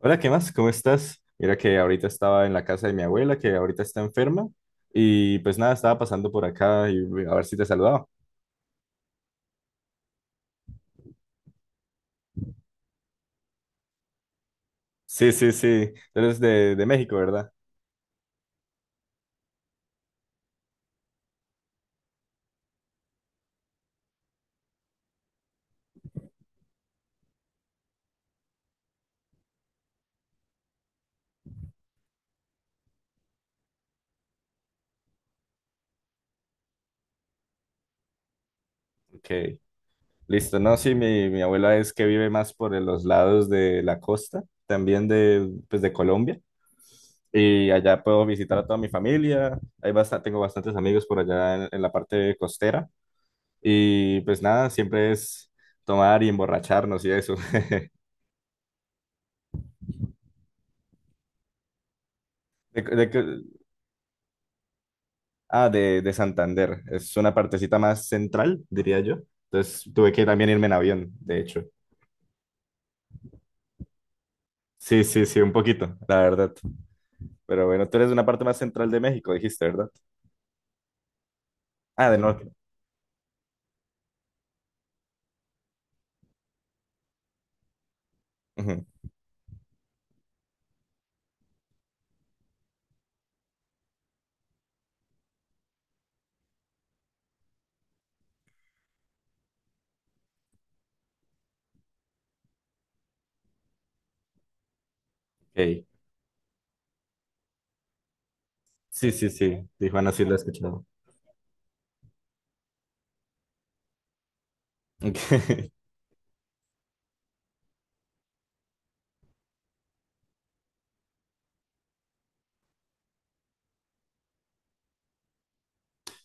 Hola, ¿qué más? ¿Cómo estás? Mira que ahorita estaba en la casa de mi abuela, que ahorita está enferma, y pues nada, estaba pasando por acá y a ver si te saludaba. Sí, sí, sí, tú eres de México, ¿verdad? Ok, listo. No, sí, mi abuela es que vive más por los lados de la costa, también de, pues, de Colombia, y allá puedo visitar a toda mi familia, hay tengo bastantes amigos por allá en la parte costera, y pues nada, siempre es tomar y emborracharnos y eso. De, de- qué- Ah, de Santander. Es una partecita más central, diría yo. Entonces tuve que también irme en avión, de hecho. Sí, sí, sí, un poquito, la verdad. Pero bueno, tú eres de una parte más central de México, dijiste, ¿verdad? Ah, del norte. Ujú, ok. Sí, sí, sí. Tijuana sí lo he escuchado. Ok.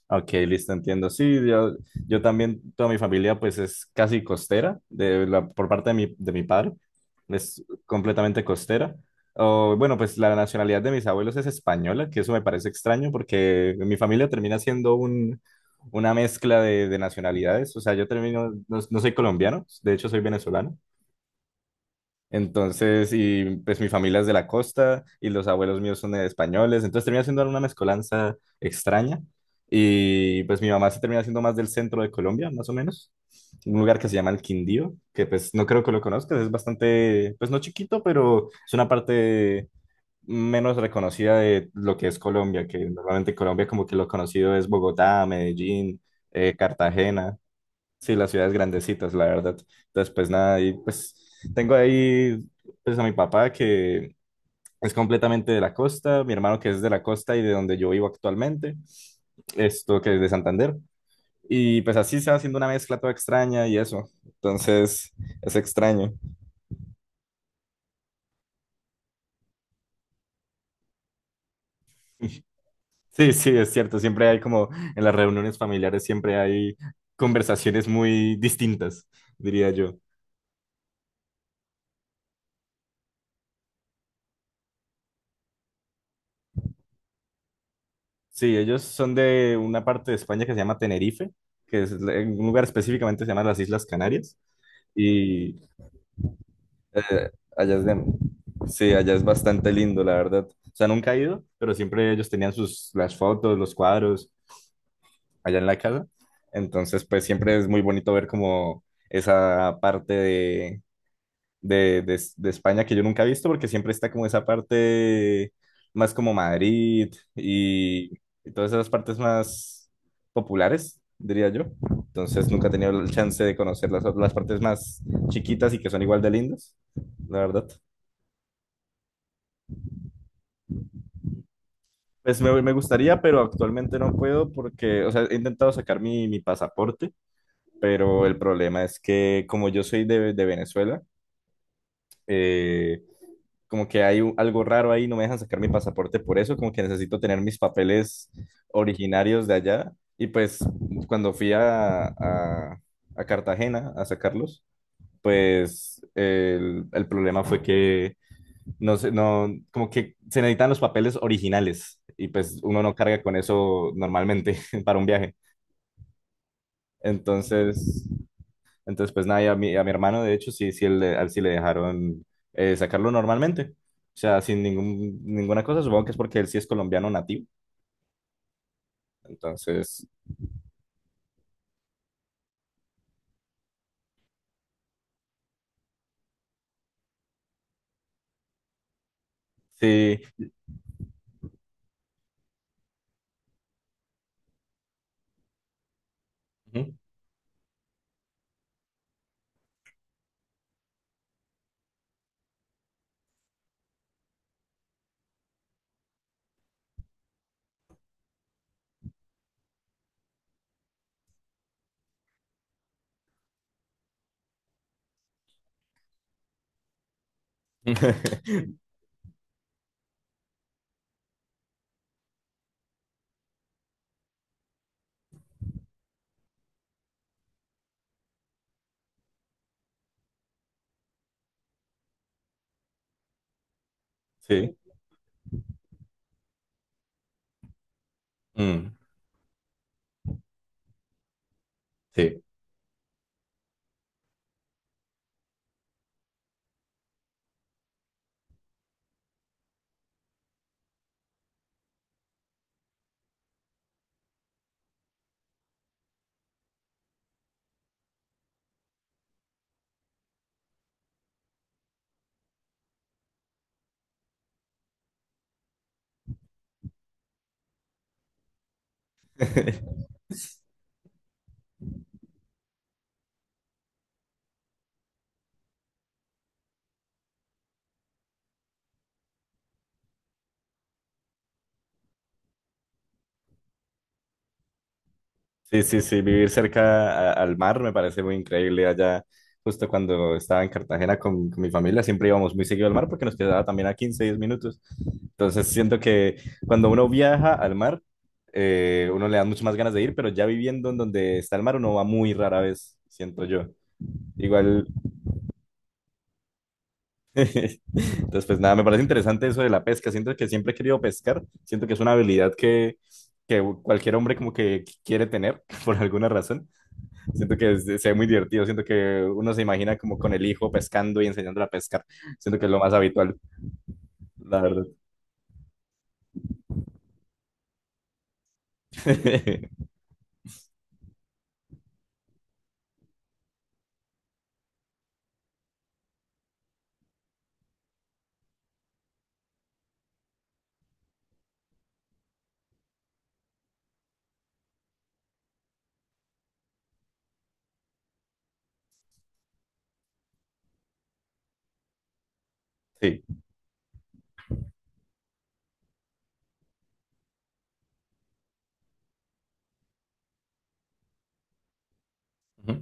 Ok, listo, entiendo. Sí, yo también, toda mi familia pues es casi costera, por parte de de mi padre, es completamente costera. O, bueno, pues la nacionalidad de mis abuelos es española, que eso me parece extraño porque mi familia termina siendo una mezcla de nacionalidades. O sea, yo termino, no, no soy colombiano, de hecho soy venezolano. Entonces, y pues mi familia es de la costa y los abuelos míos son españoles, entonces termina siendo una mezcolanza extraña. Y pues mi mamá se termina siendo más del centro de Colombia, más o menos, un lugar que se llama el Quindío, que pues no creo que lo conozcas, es bastante, pues no chiquito, pero es una parte menos reconocida de lo que es Colombia, que normalmente Colombia como que lo conocido es Bogotá, Medellín, Cartagena. Sí, las ciudades grandecitas, la verdad. Entonces, pues nada, y pues tengo ahí pues a mi papá que es completamente de la costa, mi hermano que es de la costa y de donde yo vivo actualmente, esto que es de Santander. Y pues así se va haciendo una mezcla toda extraña y eso. Entonces, es extraño. Sí, sí, es cierto. Siempre hay como en las reuniones familiares, siempre hay conversaciones muy distintas, diría yo. Sí, ellos son de una parte de España que se llama Tenerife, que es en un lugar específicamente se llama las Islas Canarias. Y eh, allá es de- sí, allá es bastante lindo, la verdad. O sea, nunca he ido, pero siempre ellos tenían las fotos, los cuadros allá en la casa. Entonces, pues siempre es muy bonito ver como esa parte de España que yo nunca he visto porque siempre está como esa parte más como Madrid y todas esas partes más populares, diría yo. Entonces nunca he tenido el chance de conocer las partes más chiquitas y que son igual de lindas, la verdad. Pues me gustaría, pero actualmente no puedo porque, o sea, he intentado sacar mi pasaporte, pero el problema es que como yo soy de Venezuela, eh, como que hay algo raro ahí, no me dejan sacar mi pasaporte por eso, como que necesito tener mis papeles originarios de allá. Y pues cuando fui a Cartagena a sacarlos, pues el problema fue que no sé, no, como que se necesitan los papeles originales y pues uno no carga con eso normalmente para un viaje. Entonces, entonces, pues nada, y a mi hermano, de hecho, sí, sí, a él sí le dejaron sacarlo normalmente. O sea, sin ninguna cosa, supongo que es porque él sí es colombiano nativo. Entonces, sí. Ujú. Sí. Mm, sí. Sí, sí, sí, vivir cerca al mar me parece muy increíble. Allá, justo cuando estaba en Cartagena con mi familia, siempre íbamos muy seguido al mar porque nos quedaba también a 15 10 minutos. Entonces siento que cuando uno viaja al mar, uno le da mucho más ganas de ir, pero ya viviendo en donde está el mar, uno va muy rara vez, siento yo. Igual, entonces pues nada, me parece interesante eso de la pesca. Siento que siempre he querido pescar, siento que es una habilidad que cualquier hombre como que quiere tener por alguna razón. Siento que se ve muy divertido, siento que uno se imagina como con el hijo pescando y enseñándole a pescar. Siento que es lo más habitual, la verdad. Sí, ujú.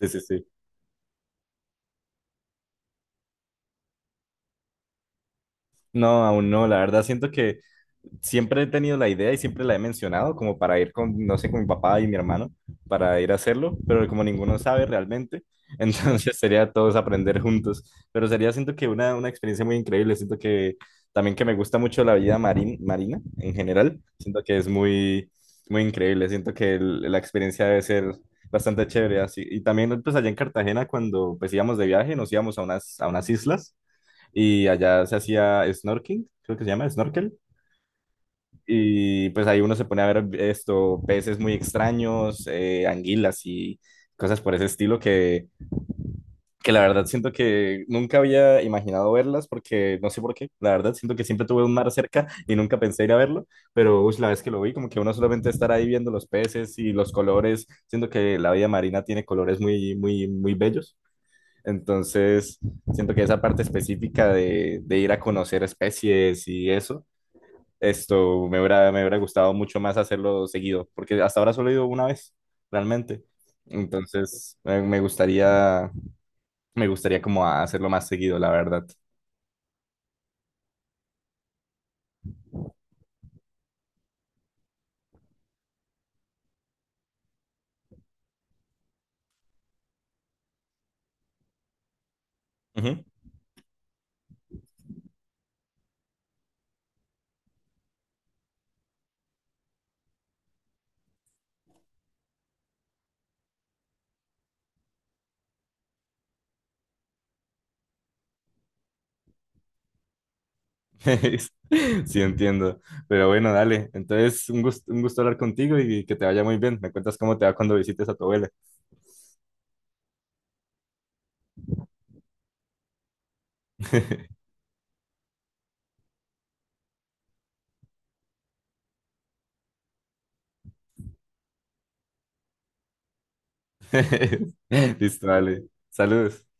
Sí, sí, sí. No, aún no, la verdad siento que siempre he tenido la idea y siempre la he mencionado como para ir con, no sé, con mi papá y mi hermano, para ir a hacerlo, pero como ninguno sabe realmente, entonces sería todos aprender juntos, pero sería, siento que una, experiencia muy increíble, siento que también que me gusta mucho la vida marín marina en general, siento que es muy, muy increíble, siento que la experiencia debe ser... Bastante chévere, así. Y también, pues allá en Cartagena, cuando pues íbamos de viaje, nos íbamos a unas islas y allá se hacía snorkeling, creo que se llama snorkel. Y pues ahí uno se pone a ver esto, peces muy extraños, anguilas y cosas por ese estilo que la verdad siento que nunca había imaginado verlas porque no sé por qué, la verdad siento que siempre tuve un mar cerca y nunca pensé ir a verlo, pero ush, la vez que lo vi como que uno solamente estar ahí viendo los peces y los colores, siento que la vida marina tiene colores muy, muy, muy bellos. Entonces, siento que esa parte específica de ir a conocer especies y eso esto me hubiera gustado mucho más hacerlo seguido, porque hasta ahora solo he ido 1 vez, realmente. Entonces, me gustaría, me gustaría, como hacerlo más seguido, la verdad. Ujú. Sí, entiendo. Pero bueno, dale. Entonces, un gusto hablar contigo y que te vaya muy bien. Me cuentas cómo te va cuando visites a tu abuela. Listo, dale. Saludos.